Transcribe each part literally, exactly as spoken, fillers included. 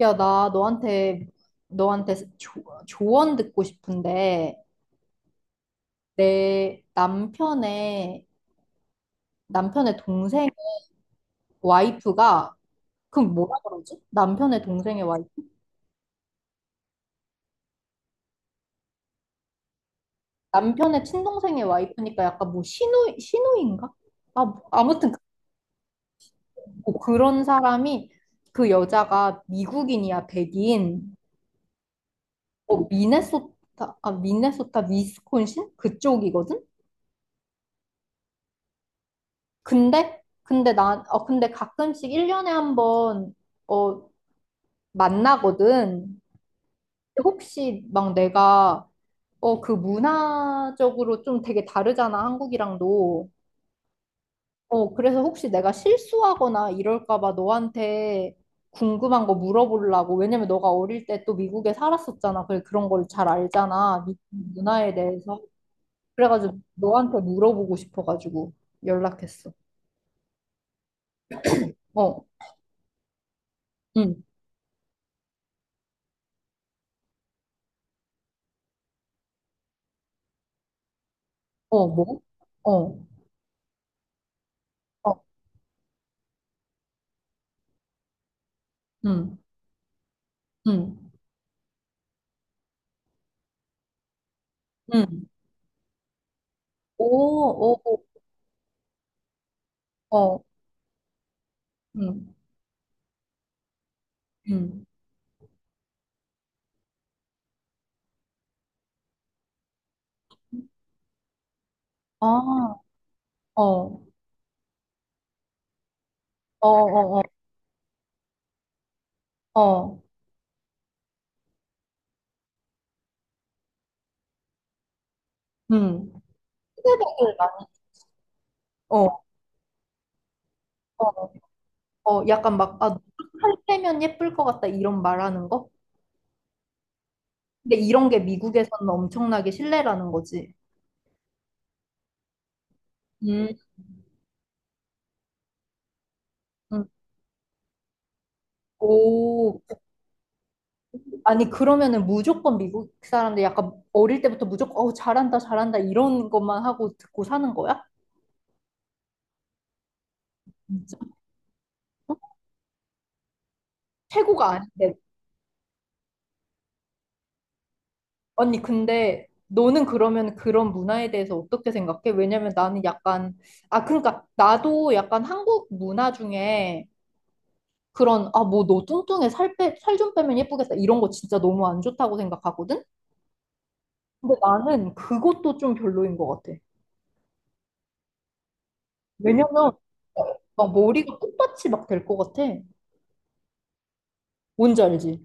야, 나 너한테, 너한테 조, 조언 듣고 싶은데, 내 남편의, 남편의 동생 와이프가, 그럼 뭐라 그러지? 남편의 동생의 와이프? 남편의 친동생의 와이프니까 약간 뭐 신우, 시누인가 아, 뭐, 아무튼 그- 뭐 그런 사람이 그 여자가 미국인이야, 백인. 어, 미네소타, 아, 미네소타, 위스콘신? 그쪽이거든? 근데 근데 나 어 근데 가끔씩 일 년에 한 번 어 만나거든. 혹시 막 내가 어 그 문화적으로 좀 되게 다르잖아, 한국이랑도. 어 그래서 혹시 내가 실수하거나 이럴까 봐 너한테 궁금한 거 물어보려고. 왜냐면 너가 어릴 때 또 미국에 살았었잖아. 그래 그런 걸 잘 알잖아, 미국 문화에 대해서. 그래가지고 너한테 물어보고 싶어가지고 연락했어. 어. 응. 어, 뭐? 어. 어. 응, 응, 응. 오, 오, 오, 어, 응, 응. 아, 어, 어, 어, 어, 어. 응. 피드백을 많이, 어, 어, 어, 약간 막, 아, 할 때면 예쁠 것 같다, 이런 말하는 거? 근데 이런 게 미국에서는 엄청나게 신뢰라는 거지. 음, 음, 오, 아니, 그러면은 무조건 미국 사람들 약간 어릴 때부터 무조건, 어, 잘한다, 잘한다, 이런 것만 하고 듣고 사는 거야? 진짜. 최고가 아닌데. 언니, 근데 너는 그러면 그런 문화에 대해서 어떻게 생각해? 왜냐면 나는 약간, 아, 그러니까 나도 약간 한국 문화 중에 그런, 아, 뭐 너 뚱뚱해 살 빼, 살 좀 빼면 예쁘겠다, 이런 거 진짜 너무 안 좋다고 생각하거든? 근데 나는 그것도 좀 별로인 것 같아. 왜냐면 어, 막 머리가 꽃밭이 막 될 것 같아. 뭔지 알지?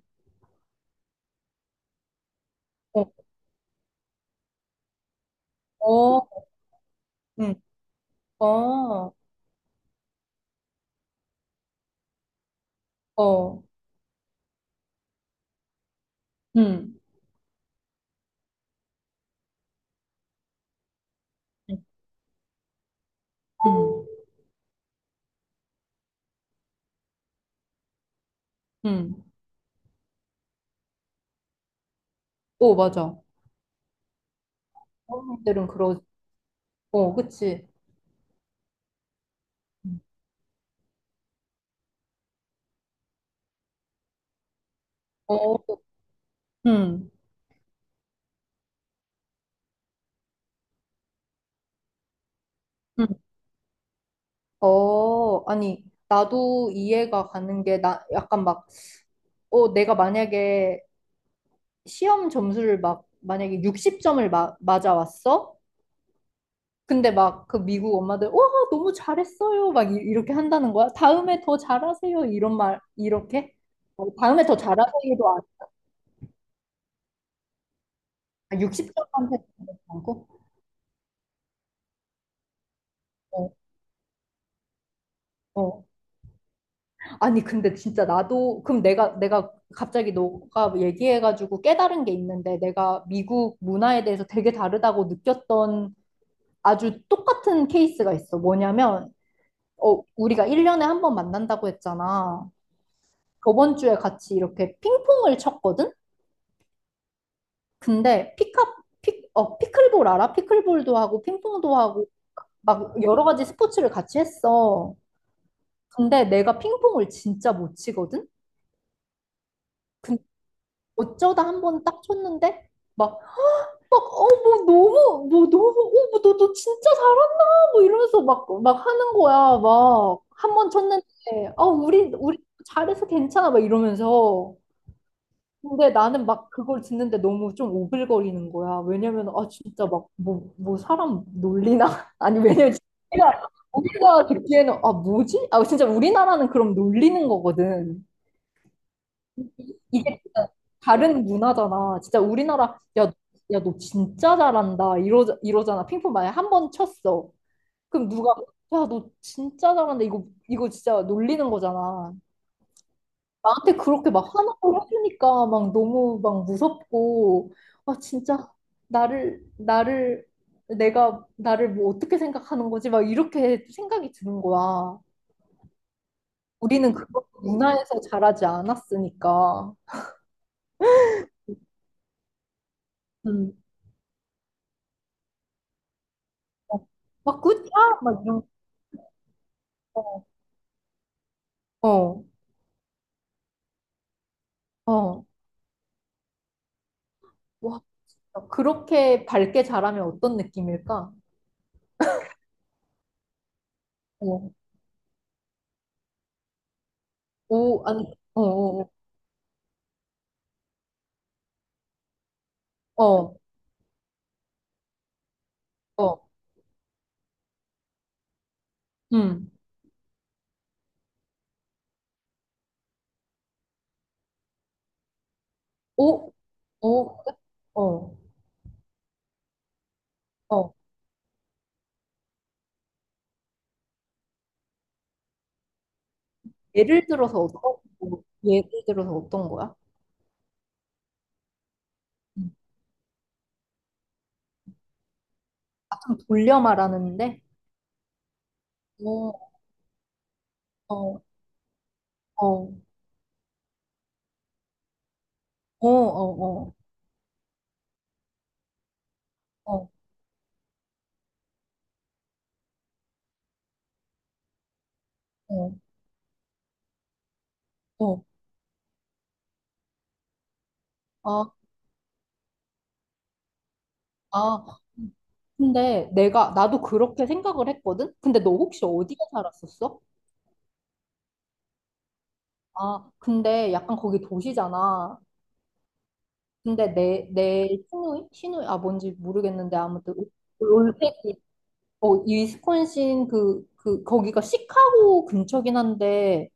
어, 어, 응, 어, 어, 응, 응, 응. 응. 어, 맞아. 어른들은 그러, 어, 그치. 어, 음, 음. 어, 아니, 나도 이해가 가는 게, 나, 약간 막, 어, 내가 만약에 시험 점수를 막, 만약에 육십 점을 마, 맞아왔어? 근데 막, 그 미국 엄마들, 와, 너무 잘했어요, 막, 이, 이렇게 한다는 거야. 다음에 더 잘하세요. 이런 말, 이렇게? 어, 다음에 더 잘하세요도 안, 육십 점한테 안 하고? 어, 어. 아니, 근데 진짜 나도, 그럼 내가, 내가 갑자기 너가 얘기해가지고 깨달은 게 있는데, 내가 미국 문화에 대해서 되게 다르다고 느꼈던 아주 똑같은 케이스가 있어. 뭐냐면, 어, 우리가 일 년에 한 번 만난다고 했잖아. 저번 주에 같이 이렇게 핑퐁을 쳤거든? 근데 피카, 피, 어, 피클볼 알아? 피클볼도 하고, 핑퐁도 하고, 막 여러 가지 스포츠를 같이 했어. 근데 내가 핑퐁을 진짜 못 치거든? 근 어쩌다 한 번 딱 쳤는데, 막 막, 어, 뭐, 너무, 뭐, 너무, 어, 뭐, 너, 너 진짜 잘한다, 뭐, 이러면서 막, 막 하는 거야, 막. 한 번 쳤는데, 어, 우리, 우리 잘해서 괜찮아, 막 이러면서. 근데 나는 막 그걸 듣는데 너무 좀 오글거리는 거야. 왜냐면, 아, 진짜 막, 뭐, 뭐, 사람 놀리나? 아니, 왜냐면, 우리가, 우리가 듣기에는, 아, 뭐지? 아, 진짜 우리나라는 그럼 놀리는 거거든. 이게 진짜 다른 문화잖아. 진짜 우리나라 야, 야, 너 진짜 잘한다, 이러 이러잖아. 핑퐁 만약에 한 번 쳤어. 그럼 누가 야, 너 진짜 잘한다. 이거 이거 진짜 놀리는 거잖아. 나한테 그렇게 막 화나고 해주니까 막 너무 막 무섭고 아 진짜 나를 나를 내가 나를 뭐 어떻게 생각하는 거지? 막 이렇게 생각이 드는 거야. 우리는 그걸 문화에서 자라지 않았으니까. 음. 어, 막 굿샷 막 이런 거. 어, 어. 와, 그렇게 밝게 자라면 어떤 느낌일까? 어, 오, 아니, 어, 어, 어, 어, 어, 음, 오, 오, 어, 어. 예를 들어서 어떤, 뭐, 예를 들어서 어떤 거야? 음. 아, 좀 돌려 말하는데? 어, 어, 어, 어, 어, 어, 어, 어, 어. 아, 아. 근데 내가, 나도 그렇게 생각을 했거든? 근데 너 혹시 어디에 살았었어? 아, 근데 약간 거기 도시잖아. 근데 내, 내, 시누이? 시누이? 아, 뭔지 모르겠는데, 아무튼, 올테키, 어, 위스콘신 그, 그, 거기가 시카고 근처긴 한데,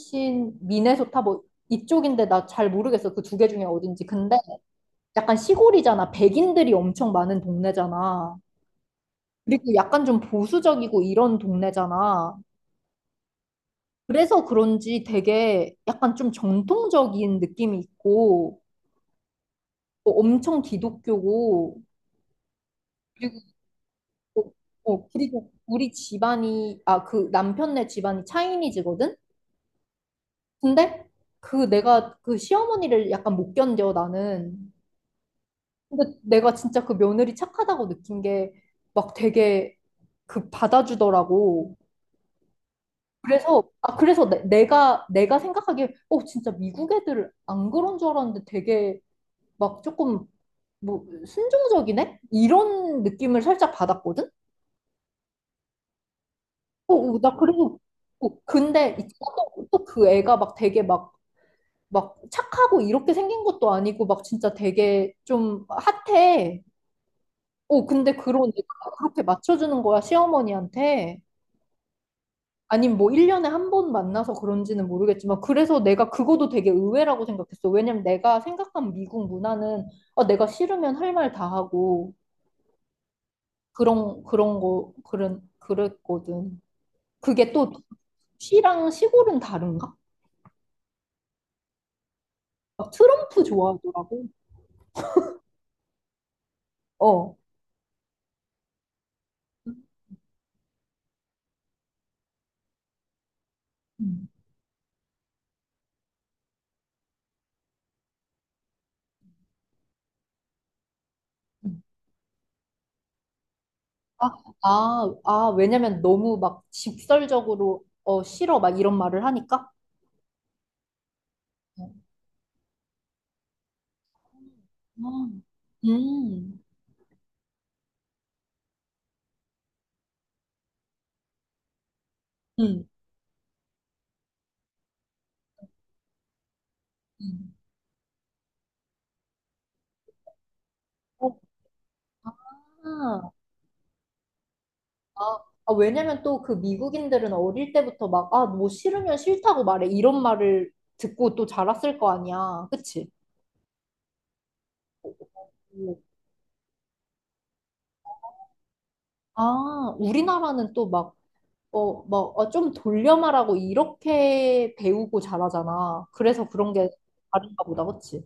위스콘신, 미네소타 뭐, 이쪽인데 나 잘 모르겠어, 그 두 개 중에 어딘지. 근데 약간 시골이잖아. 백인들이 엄청 많은 동네잖아. 그리고 약간 좀 보수적이고 이런 동네잖아. 그래서 그런지 되게 약간 좀 전통적인 느낌이 있고, 어, 엄청 기독교고 그리고 또- 어, 그리고 우리 집안이 아 그 남편네 집안이 차이니즈거든. 근데 그 내가 그 시어머니를 약간 못 견뎌 나는. 근데 내가 진짜 그 며느리 착하다고 느낀 게 막 되게 그 받아주더라고. 그래서 아 그래서 내, 내가 내가 생각하기에 어 진짜 미국 애들 안 그런 줄 알았는데 되게 막 조금 뭐 순종적이네? 이런 느낌을 살짝 받았거든. 어, 어, 나 그리고 어, 근데 또그 애가 막 되게 막 막 착하고 이렇게 생긴 것도 아니고 막 진짜 되게 좀 핫해. 어, 근데 그런 애가 그렇게 맞춰주는 거야, 시어머니한테. 아님 뭐 일 년에 한 번 만나서 그런지는 모르겠지만, 그래서 내가 그거도 되게 의외라고 생각했어. 왜냐면 내가 생각한 미국 문화는 어, 내가 싫으면 할 말 다 하고 그런 그런 거 그런 그랬거든. 그게 또 시랑 시골은 다른가? 어, 트럼프 좋아하더라고. 어. 음. 음. 아, 아, 아, 왜냐면 너무 막 직설적으로 어, 싫어 막 이런 말을 하니까. 어. 음, 음, 음. 음. 그렇구나. 아, 아, 왜냐면 또 그 미국인들은 어릴 때부터 막, 아, 뭐 싫으면 싫다고 말해, 이런 말을 듣고 또 자랐을 거 아니야, 그치? 오. 아, 우리나라는 또 막, 어, 막, 아, 좀 돌려 말하고 이렇게 배우고 잘하잖아. 그래서 그런 게 다른가 보다, 그치?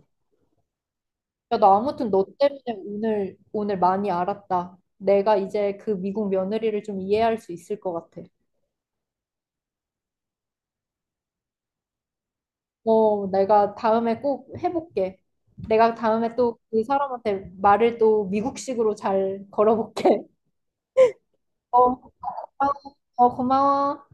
야, 나 아무튼 너 때문에 오늘, 오늘 많이 알았다. 내가 이제 그 미국 며느리를 좀 이해할 수 있을 것 같아. 어, 내가 다음에 꼭 해볼게. 내가 다음에 또 그 사람한테 말을 또 미국식으로 잘 걸어볼게. 어, 고마워. 어, 고마워.